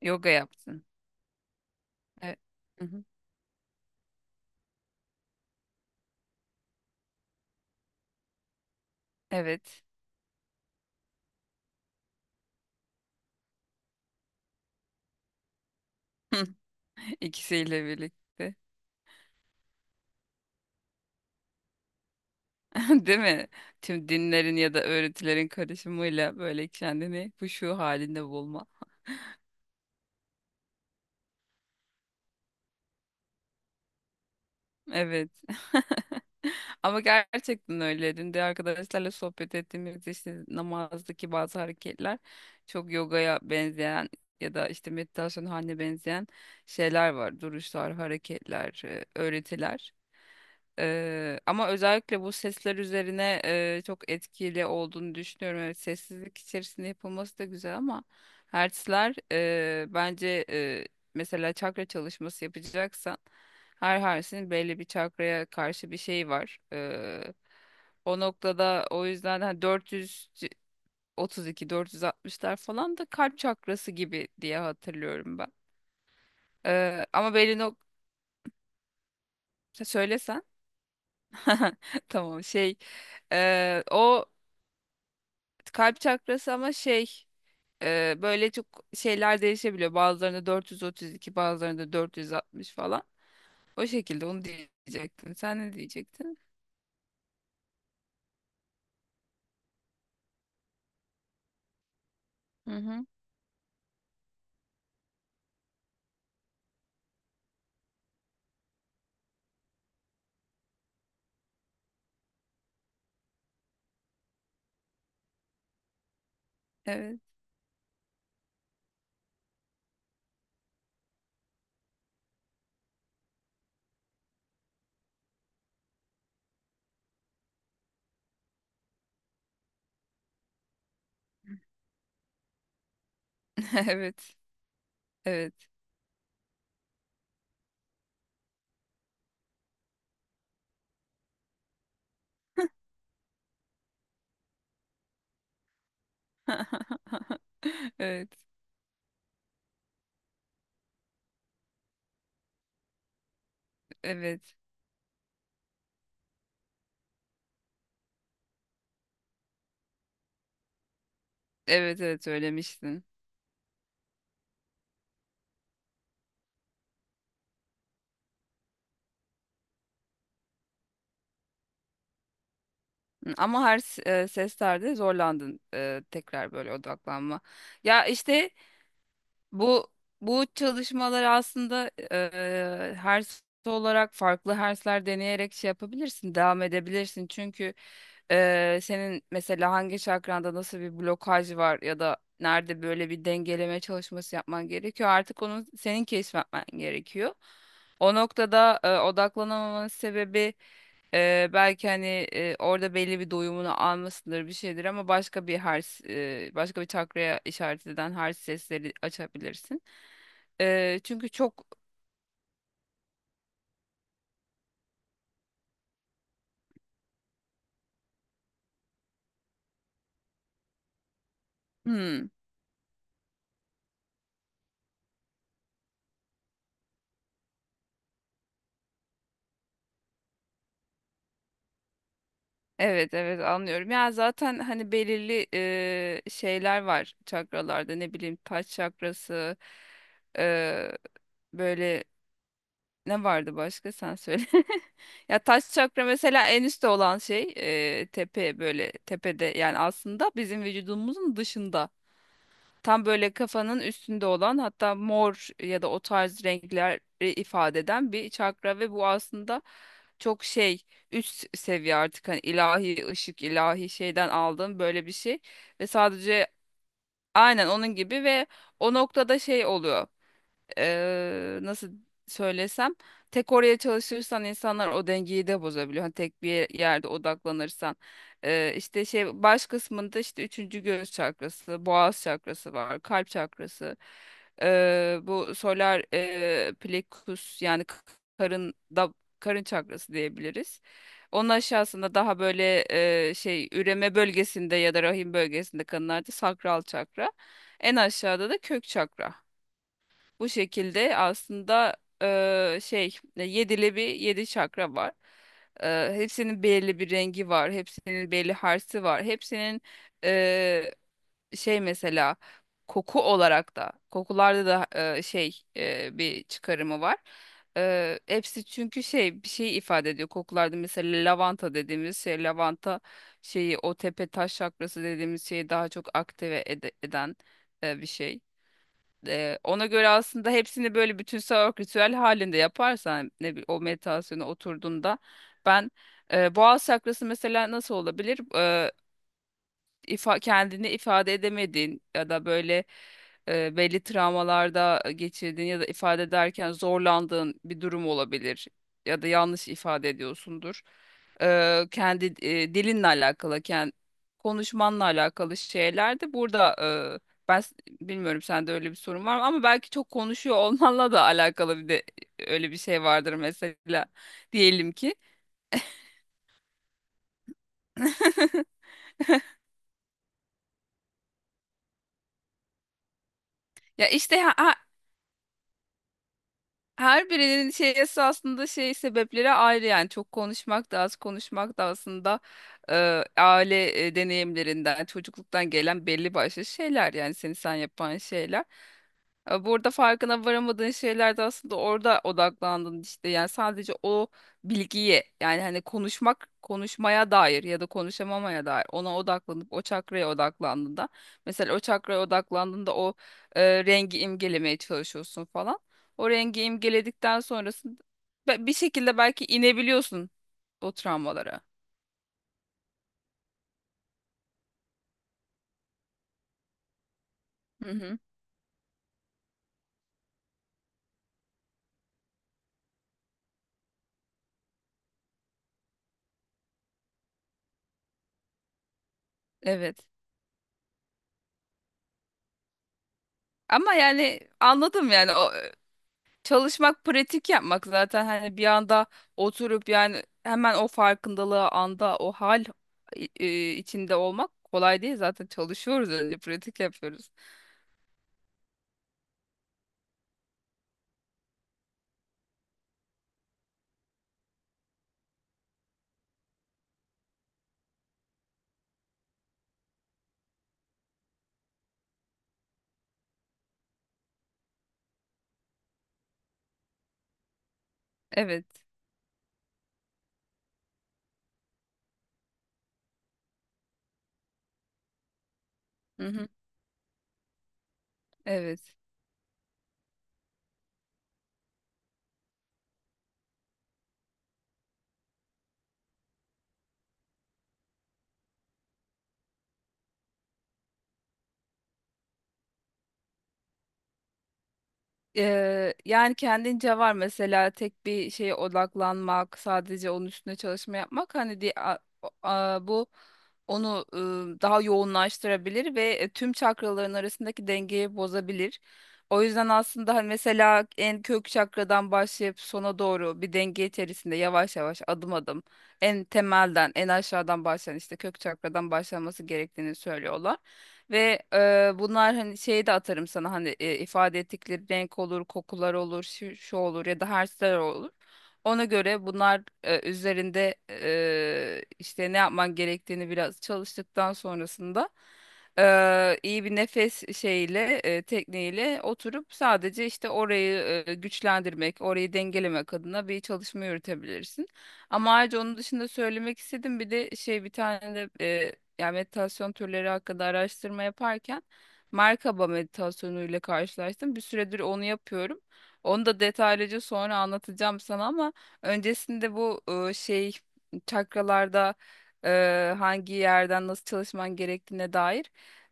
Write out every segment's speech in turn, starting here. Yoga yaptın. Evet. Hı hı. Evet. İkisiyle birlikte. Değil mi? Tüm dinlerin ya da öğretilerin karışımıyla böyle kendini huşu halinde bulma. Evet. Ama gerçekten öyle. Dün de arkadaşlarla sohbet ettiğimiz işte namazdaki bazı hareketler çok yogaya benzeyen ya da işte meditasyon haline benzeyen şeyler var. Duruşlar, hareketler, öğretiler. Ama özellikle bu sesler üzerine çok etkili olduğunu düşünüyorum. Evet, sessizlik içerisinde yapılması da güzel ama hertzler bence, mesela çakra çalışması yapacaksan her harfin belli bir çakraya karşı bir şey var. O noktada o yüzden hani 432 460'lar falan da kalp çakrası gibi diye hatırlıyorum ben. Ama belli söylesen. Tamam, şey o kalp çakrası ama şey böyle çok şeyler değişebiliyor. Bazılarında 432, bazılarında 460 falan. O şekilde onu diyecektin. Sen ne diyecektin? Hı hı. Evet. Evet. Evet. Evet. Evet. Evet, evet, söylemiştin. Hı. Ama her seslerde zorlandın, tekrar böyle odaklanma. Ya işte, Bu bu çalışmalar aslında hers olarak farklı hersler deneyerek şey yapabilirsin, devam edebilirsin. Çünkü senin mesela hangi çakranda nasıl bir blokaj var ya da nerede böyle bir dengeleme çalışması yapman gerekiyor. Artık onu senin keşfetmen gerekiyor. O noktada odaklanamamanın sebebi belki hani orada belli bir doyumunu almasıdır, bir şeydir ama başka bir hers, başka bir çakraya işaret eden hers sesleri açabilirsin. Çünkü çok. Hmm, evet, evet, anlıyorum. Ya zaten hani belirli şeyler var çakralarda, ne bileyim taç çakrası eee, böyle, ne vardı başka, sen söyle. Ya taş çakra mesela en üstte olan şey, tepe, böyle tepede yani aslında bizim vücudumuzun dışında. Tam böyle kafanın üstünde olan, hatta mor ya da o tarz renkler ifade eden bir çakra ve bu aslında çok şey, üst seviye artık hani ilahi ışık, ilahi şeyden aldığım böyle bir şey ve sadece aynen onun gibi ve o noktada şey oluyor, nasıl söylesem, tek oraya çalışırsan insanlar o dengeyi de bozabiliyor. Hani tek bir yerde odaklanırsan. İşte şey, baş kısmında işte üçüncü göğüs çakrası, boğaz çakrası var, kalp çakrası. Bu solar plexus yani karın da, karın çakrası diyebiliriz. Onun aşağısında daha böyle şey, üreme bölgesinde ya da rahim bölgesinde kadınlarda sakral çakra. En aşağıda da kök çakra. Bu şekilde aslında şey, yedili bir, yedi çakra var. Hepsinin belli bir rengi var. Hepsinin belli harsi var. Hepsinin eee, şey mesela koku olarak da, kokularda da bir çıkarımı var. Hepsi çünkü şey, bir şey ifade ediyor. Kokularda mesela lavanta dediğimiz şey, lavanta şeyi, o tepe taş çakrası dediğimiz şeyi daha çok aktive eden bir şey. Ona göre aslında hepsini böyle bütünsel olarak ritüel halinde yaparsan, o meditasyona oturduğunda ben, boğaz çakrası mesela nasıl olabilir? Kendini ifade edemediğin ya da böyle, belli travmalarda geçirdiğin ya da ifade ederken zorlandığın bir durum olabilir ya da yanlış ifade ediyorsundur. Kendi, dilinle alakalı, kendi konuşmanla alakalı şeyler de burada e, ben s- Bilmiyorum sende öyle bir sorun var mı, ama belki çok konuşuyor olmanla da alakalı, bir de öyle bir şey vardır mesela, diyelim ki. Ya işte ha, Her birinin şeysi aslında, şey, sebepleri ayrı yani, çok konuşmak da az konuşmak da aslında e, aile, deneyimlerinden, çocukluktan gelen belli başlı şeyler, yani seni sen yapan şeyler. Burada farkına varamadığın şeyler de aslında, orada odaklandın işte, yani sadece o bilgiye, yani hani konuşmak, konuşmaya dair ya da konuşamamaya dair, ona odaklanıp o çakraya odaklandığında, mesela o çakraya odaklandığında o rengi imgelemeye çalışıyorsun falan. O rengi imgeledikten sonrasında bir şekilde belki inebiliyorsun o travmalara. Hı hı. Evet. Ama yani anladım, yani o çalışmak, pratik yapmak zaten hani, bir anda oturup yani hemen o farkındalığı anda, o hal içinde olmak kolay değil, zaten çalışıyoruz, önce pratik yapıyoruz. Evet. Hı hı. Evet. Yani kendince var mesela, tek bir şeye odaklanmak, sadece onun üstüne çalışma yapmak hani bu onu, daha yoğunlaştırabilir ve tüm çakraların arasındaki dengeyi bozabilir. O yüzden aslında hani mesela en kök çakradan başlayıp sona doğru, bir denge içerisinde yavaş yavaş, adım adım, en temelden, en aşağıdan başlayan işte kök çakradan başlanması gerektiğini söylüyorlar. Ve bunlar hani şeyi de atarım sana, hani ifade ettikleri renk olur, kokular olur, şu, şu olur ya da harfler olur. Ona göre bunlar üzerinde, işte ne yapman gerektiğini biraz çalıştıktan sonrasında, iyi bir nefes şeyiyle, tekniğiyle oturup sadece işte orayı güçlendirmek, orayı dengelemek adına bir çalışma yürütebilirsin. Ama ayrıca onun dışında söylemek istedim bir de şey, bir tane de yani meditasyon türleri hakkında araştırma yaparken Merkaba meditasyonuyla karşılaştım. Bir süredir onu yapıyorum. Onu da detaylıca sonra anlatacağım sana ama öncesinde bu, şey, çakralarda, hangi yerden nasıl çalışman gerektiğine dair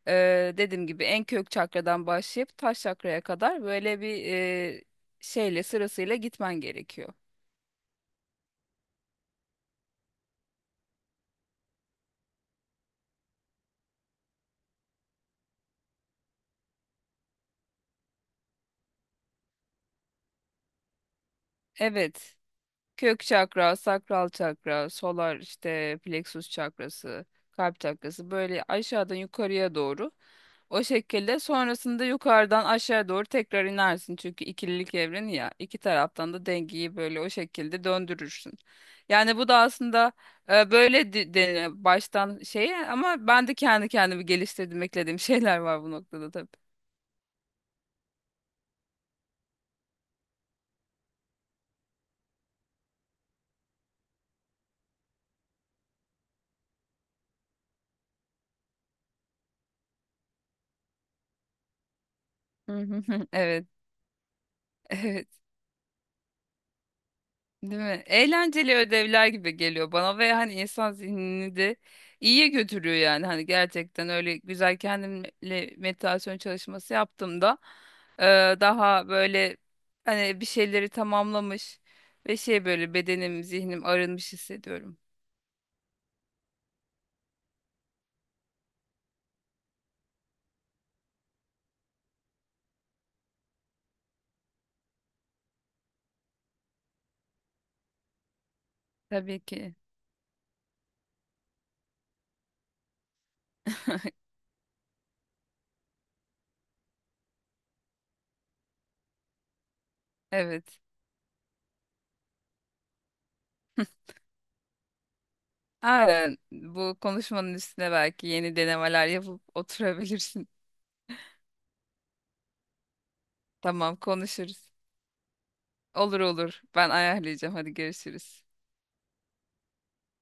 e, dediğim gibi en kök çakradan başlayıp taş çakraya kadar böyle bir, şeyle sırasıyla gitmen gerekiyor. Evet. Kök çakra, sakral çakra, solar işte plexus çakrası, kalp çakrası, böyle aşağıdan yukarıya doğru. O şekilde sonrasında yukarıdan aşağı doğru tekrar inersin. Çünkü ikililik evreni ya, iki taraftan da dengeyi böyle o şekilde döndürürsün. Yani bu da aslında, böyle deniyor baştan şey, ama ben de kendi kendimi geliştirdim, eklediğim şeyler var bu noktada tabii. Evet. Evet. Değil mi? Eğlenceli ödevler gibi geliyor bana ve hani insan zihnini de iyiye götürüyor yani. Hani gerçekten öyle güzel kendimle meditasyon çalışması yaptığımda e, daha böyle hani bir şeyleri tamamlamış ve şey, böyle bedenim, zihnim arınmış hissediyorum. Tabii ki. Evet. Aynen. Bu konuşmanın üstüne belki yeni denemeler yapıp oturabilirsin. Tamam, konuşuruz. Olur, olur. Ben ayarlayacağım. Hadi görüşürüz.